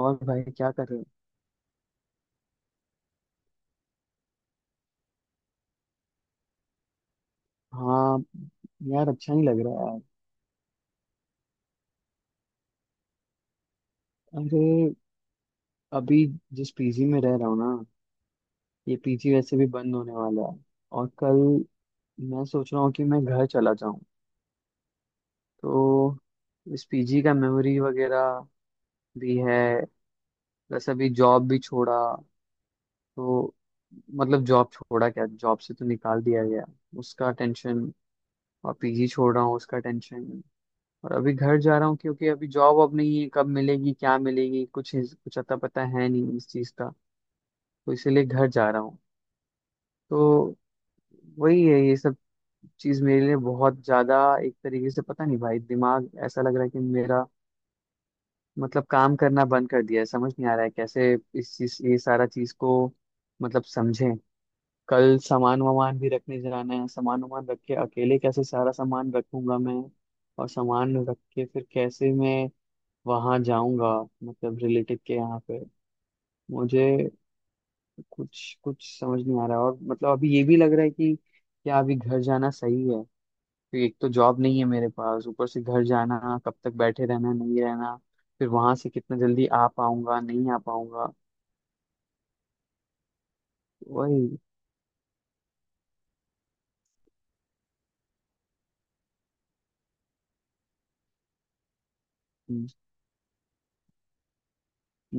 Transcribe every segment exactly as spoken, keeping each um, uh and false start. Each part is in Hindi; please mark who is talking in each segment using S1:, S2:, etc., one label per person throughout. S1: और भाई क्या कर रहे हो? हाँ यार, अच्छा नहीं लग रहा है यार। अरे, अभी जिस पीजी में रह रहा हूँ ना, ये पीजी वैसे भी बंद होने वाला है। और कल मैं सोच रहा हूँ कि मैं घर चला जाऊँ। तो इस पीजी का मेमोरी वगैरह भी है। जैसे अभी जॉब भी छोड़ा, तो मतलब जॉब छोड़ा क्या, जॉब से तो निकाल दिया गया, उसका टेंशन। और पीजी छोड़ रहा हूँ, उसका टेंशन। और अभी घर जा रहा हूँ, क्योंकि अभी जॉब अब नहीं है, कब मिलेगी क्या मिलेगी कुछ इस- कुछ अता पता है नहीं इस चीज़ का। तो इसीलिए घर जा रहा हूँ। तो वही है, ये सब चीज़ मेरे लिए बहुत ज़्यादा एक तरीके से, पता नहीं भाई, दिमाग ऐसा लग रहा है कि मेरा मतलब काम करना बंद कर दिया है। समझ नहीं आ रहा है कैसे इस चीज़, ये सारा चीज़ को मतलब समझें। कल सामान वामान भी रखने जाना है, सामान वामान रख के अकेले कैसे सारा सामान रखूंगा मैं, और सामान रख के फिर कैसे मैं वहां जाऊंगा, मतलब रिलेटिव के यहाँ पे। मुझे कुछ कुछ समझ नहीं आ रहा है। और मतलब अभी ये भी लग रहा है कि क्या अभी घर जाना सही है, क्योंकि एक तो जॉब नहीं है मेरे पास, ऊपर से घर जाना, कब तक बैठे रहना नहीं रहना, फिर वहां से कितना जल्दी आ पाऊंगा नहीं आ पाऊंगा। वही।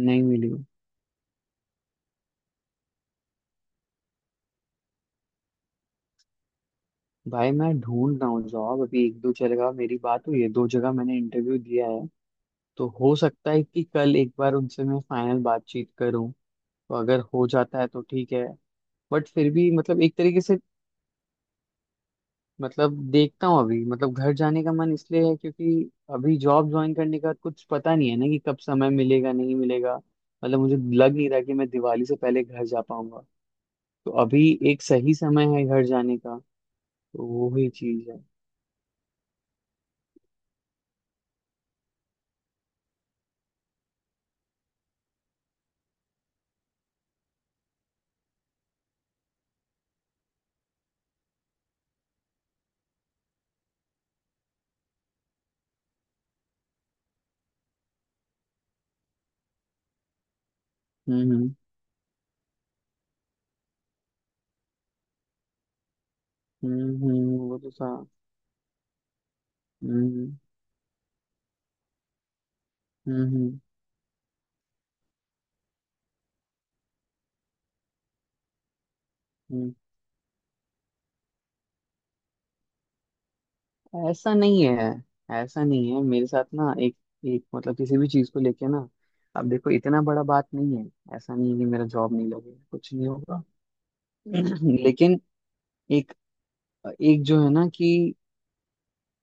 S1: नहीं मिली। भाई मैं ढूंढ रहा हूँ जॉब, अभी एक दो जगह मेरी बात हुई है, दो जगह मैंने इंटरव्यू दिया है। तो हो सकता है कि कल एक बार उनसे मैं फाइनल बातचीत करूँ। तो अगर हो जाता है तो ठीक है, बट फिर भी मतलब एक तरीके से, मतलब देखता हूँ। अभी मतलब घर जाने का मन इसलिए है, क्योंकि अभी जॉब ज्वाइन करने का कुछ पता नहीं है ना, कि कब समय मिलेगा नहीं मिलेगा। मतलब मुझे लग नहीं रहा कि मैं दिवाली से पहले घर जा पाऊंगा। तो अभी एक सही समय है घर जाने का। तो वो ही चीज है। हम्म, हम्म, हम्म। हम्म, वो तो सा हम्म, हम्म, हम्म, हम्म। ऐसा नहीं है, ऐसा नहीं है मेरे साथ ना। एक एक मतलब किसी भी चीज को लेके ना, अब देखो इतना बड़ा बात नहीं है, ऐसा नहीं है कि मेरा जॉब नहीं लगेगा कुछ नहीं होगा। लेकिन एक एक जो है ना कि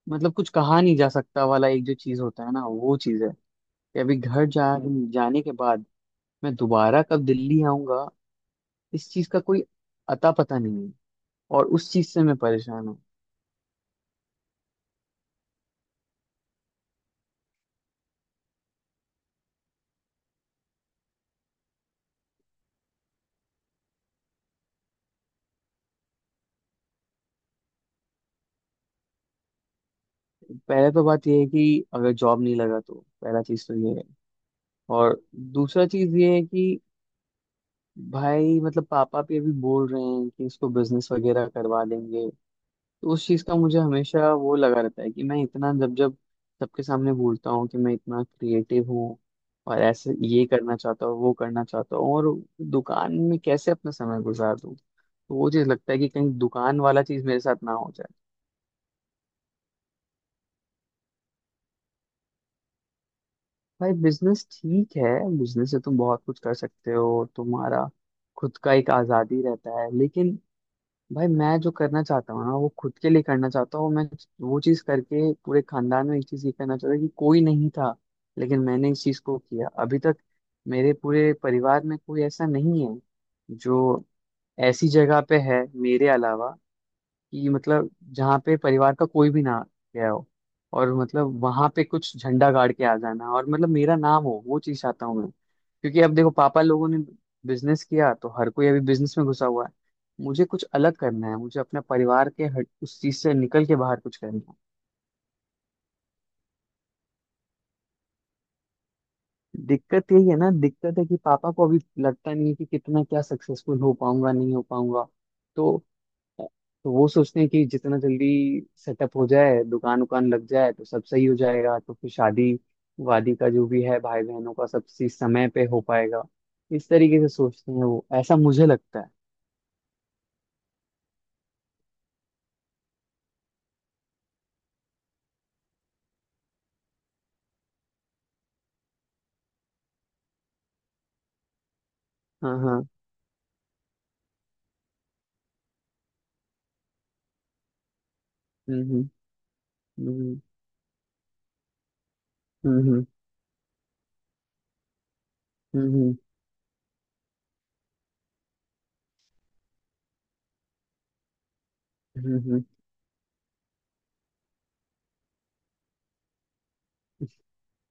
S1: मतलब, कुछ कहा नहीं जा सकता वाला एक जो चीज होता है ना, वो चीज है कि अभी घर जा जाने के बाद मैं दोबारा कब दिल्ली आऊंगा, इस चीज का कोई अता पता नहीं है, और उस चीज से मैं परेशान हूँ। पहले तो बात यह है कि अगर जॉब नहीं लगा तो पहला चीज तो ये है, और दूसरा चीज ये है कि भाई मतलब पापा भी अभी बोल रहे हैं कि इसको बिजनेस वगैरह करवा देंगे। तो उस चीज का मुझे हमेशा वो लगा रहता है कि मैं इतना, जब जब सबके सामने बोलता हूँ कि मैं इतना क्रिएटिव हूँ और ऐसे ये करना चाहता हूँ वो करना चाहता हूँ, और दुकान में कैसे अपना समय गुजार दूँ, तो वो चीज लगता है कि कहीं दुकान वाला चीज मेरे साथ ना हो जाए। भाई बिजनेस ठीक है, बिजनेस से तुम बहुत कुछ कर सकते हो, तुम्हारा खुद का एक आजादी रहता है। लेकिन भाई मैं जो करना चाहता हूँ ना, वो खुद के लिए करना चाहता हूँ मैं। वो चीज़ करके पूरे खानदान में एक चीज़ ये करना चाहता हूँ कि कोई नहीं था, लेकिन मैंने इस चीज़ को किया। अभी तक मेरे पूरे परिवार में कोई ऐसा नहीं है जो ऐसी जगह पे है मेरे अलावा, कि मतलब जहाँ पे परिवार का कोई भी ना गया हो, और मतलब वहां पे कुछ झंडा गाड़ के आ जाना, और मतलब मेरा नाम हो, वो चीज चाहता हूँ मैं। क्योंकि अब देखो, पापा लोगों ने बिजनेस किया, तो हर कोई अभी बिजनेस में घुसा हुआ है। मुझे कुछ अलग करना है, मुझे अपने परिवार के हट, उस चीज से निकल के बाहर कुछ करना है। दिक्कत यही है ना, दिक्कत है कि पापा को अभी लगता नहीं है कि कितना क्या सक्सेसफुल हो पाऊंगा नहीं हो पाऊंगा। तो तो वो सोचते हैं कि जितना जल्दी सेटअप हो जाए, दुकान उकान लग जाए, तो सब सही हो जाएगा, तो फिर शादी वादी का जो भी है, भाई बहनों का सब चीज समय पे हो पाएगा। इस तरीके से सोचते हैं वो, ऐसा मुझे लगता है। हाँ, हाँ। हम्म, हम्म, हम्म, हम्म, हम्म, हम्म, हम्म,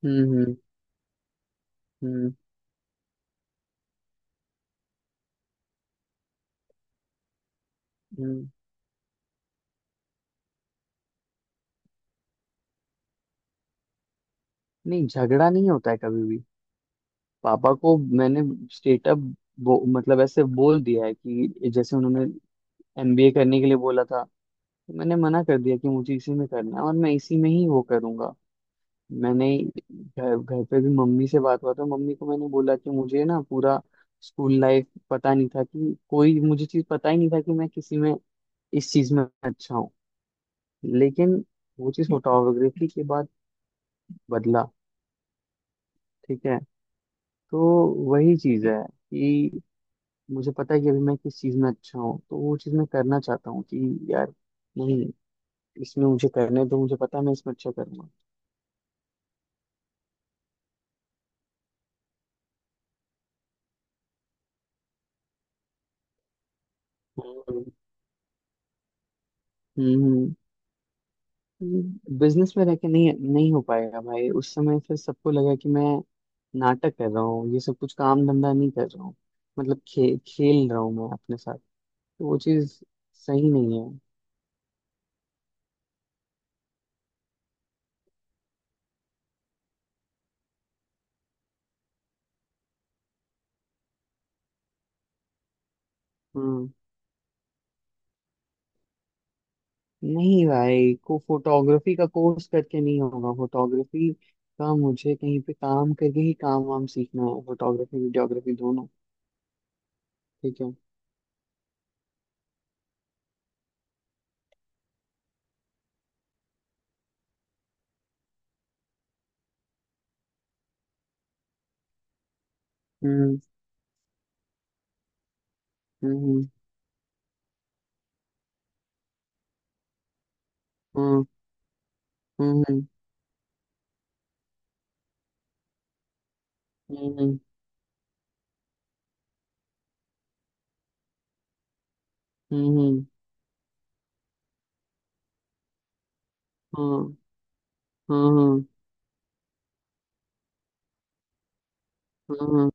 S1: हम्म, हम्म, हम्म। हम्म, हम्म, हम्म। नहीं, झगड़ा नहीं होता है कभी भी। पापा को मैंने स्टेटअप मतलब ऐसे बोल दिया है, कि जैसे उन्होंने एमबीए करने के लिए बोला था, मैंने मना कर दिया कि मुझे इसी में करना है, और मैं इसी में ही वो करूंगा। मैंने घर घर पे भी मम्मी से बात हुआ, तो मम्मी को मैंने बोला कि मुझे ना, पूरा स्कूल लाइफ पता नहीं था कि कोई मुझे चीज पता ही नहीं था कि मैं किसी में, इस चीज में अच्छा हूँ। लेकिन वो चीज फोटोग्राफी के बाद बदला। ठीक है। तो वही चीज है कि मुझे पता है कि अभी मैं किस चीज में अच्छा हूँ, तो वो चीज मैं करना चाहता हूँ कि यार, नहीं, इसमें मुझे करने, तो मुझे पता है मैं इसमें अच्छा करूंगा। हम्म, हम्म। बिजनेस में रह के नहीं, नहीं हो पाएगा भाई। उस समय फिर सबको लगा कि मैं नाटक कर रहा हूँ, ये सब कुछ काम धंधा नहीं कर रहा हूँ, मतलब खे, खेल रहा हूँ मैं अपने साथ। तो वो चीज सही नहीं है। हम्म। नहीं भाई, को फोटोग्राफी का कोर्स करके नहीं होगा, फोटोग्राफी का मुझे कहीं पे काम करके ही काम वाम सीखना है, फोटोग्राफी वीडियोग्राफी दोनों। ठीक है। हम्म, हम्म, हम्म, हम्म, हम्म, हम्म, हम्म, हम्म, हम्म, हम्म, हम्म,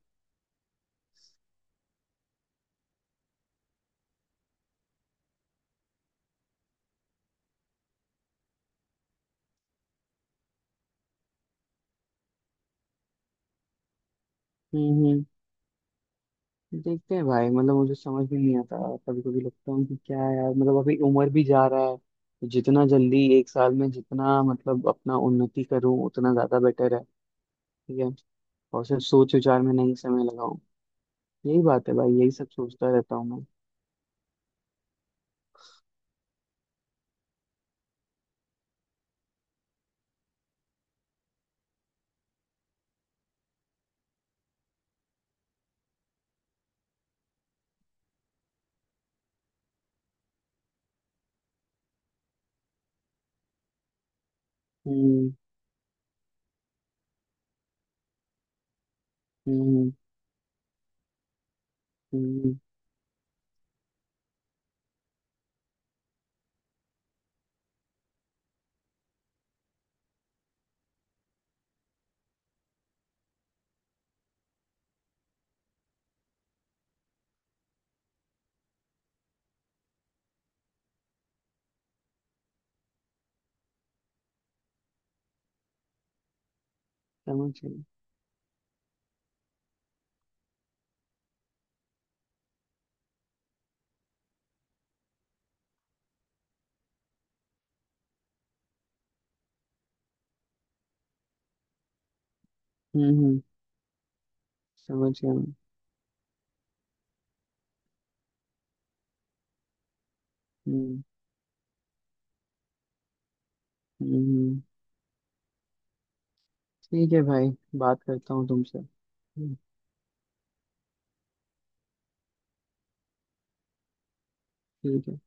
S1: हम्म। देखते हैं भाई, मतलब मुझे समझ भी नहीं आता। कभी कभी लगता हूँ कि क्या है यार, मतलब अभी उम्र भी जा रहा है, तो जितना जल्दी एक साल में जितना मतलब अपना उन्नति करूँ, उतना ज्यादा बेटर है। ठीक है। और सिर्फ सोच विचार में नहीं समय लगाऊं। यही बात है भाई, यही सब सोचता रहता हूँ मैं। हम्म, हम्म, हम्म। समझ गया। हम्म, हम्म। समझ गया मैं। हम्म, हम्म, हम्म। ठीक है भाई, बात करता हूँ तुमसे। हम्म। ठीक है।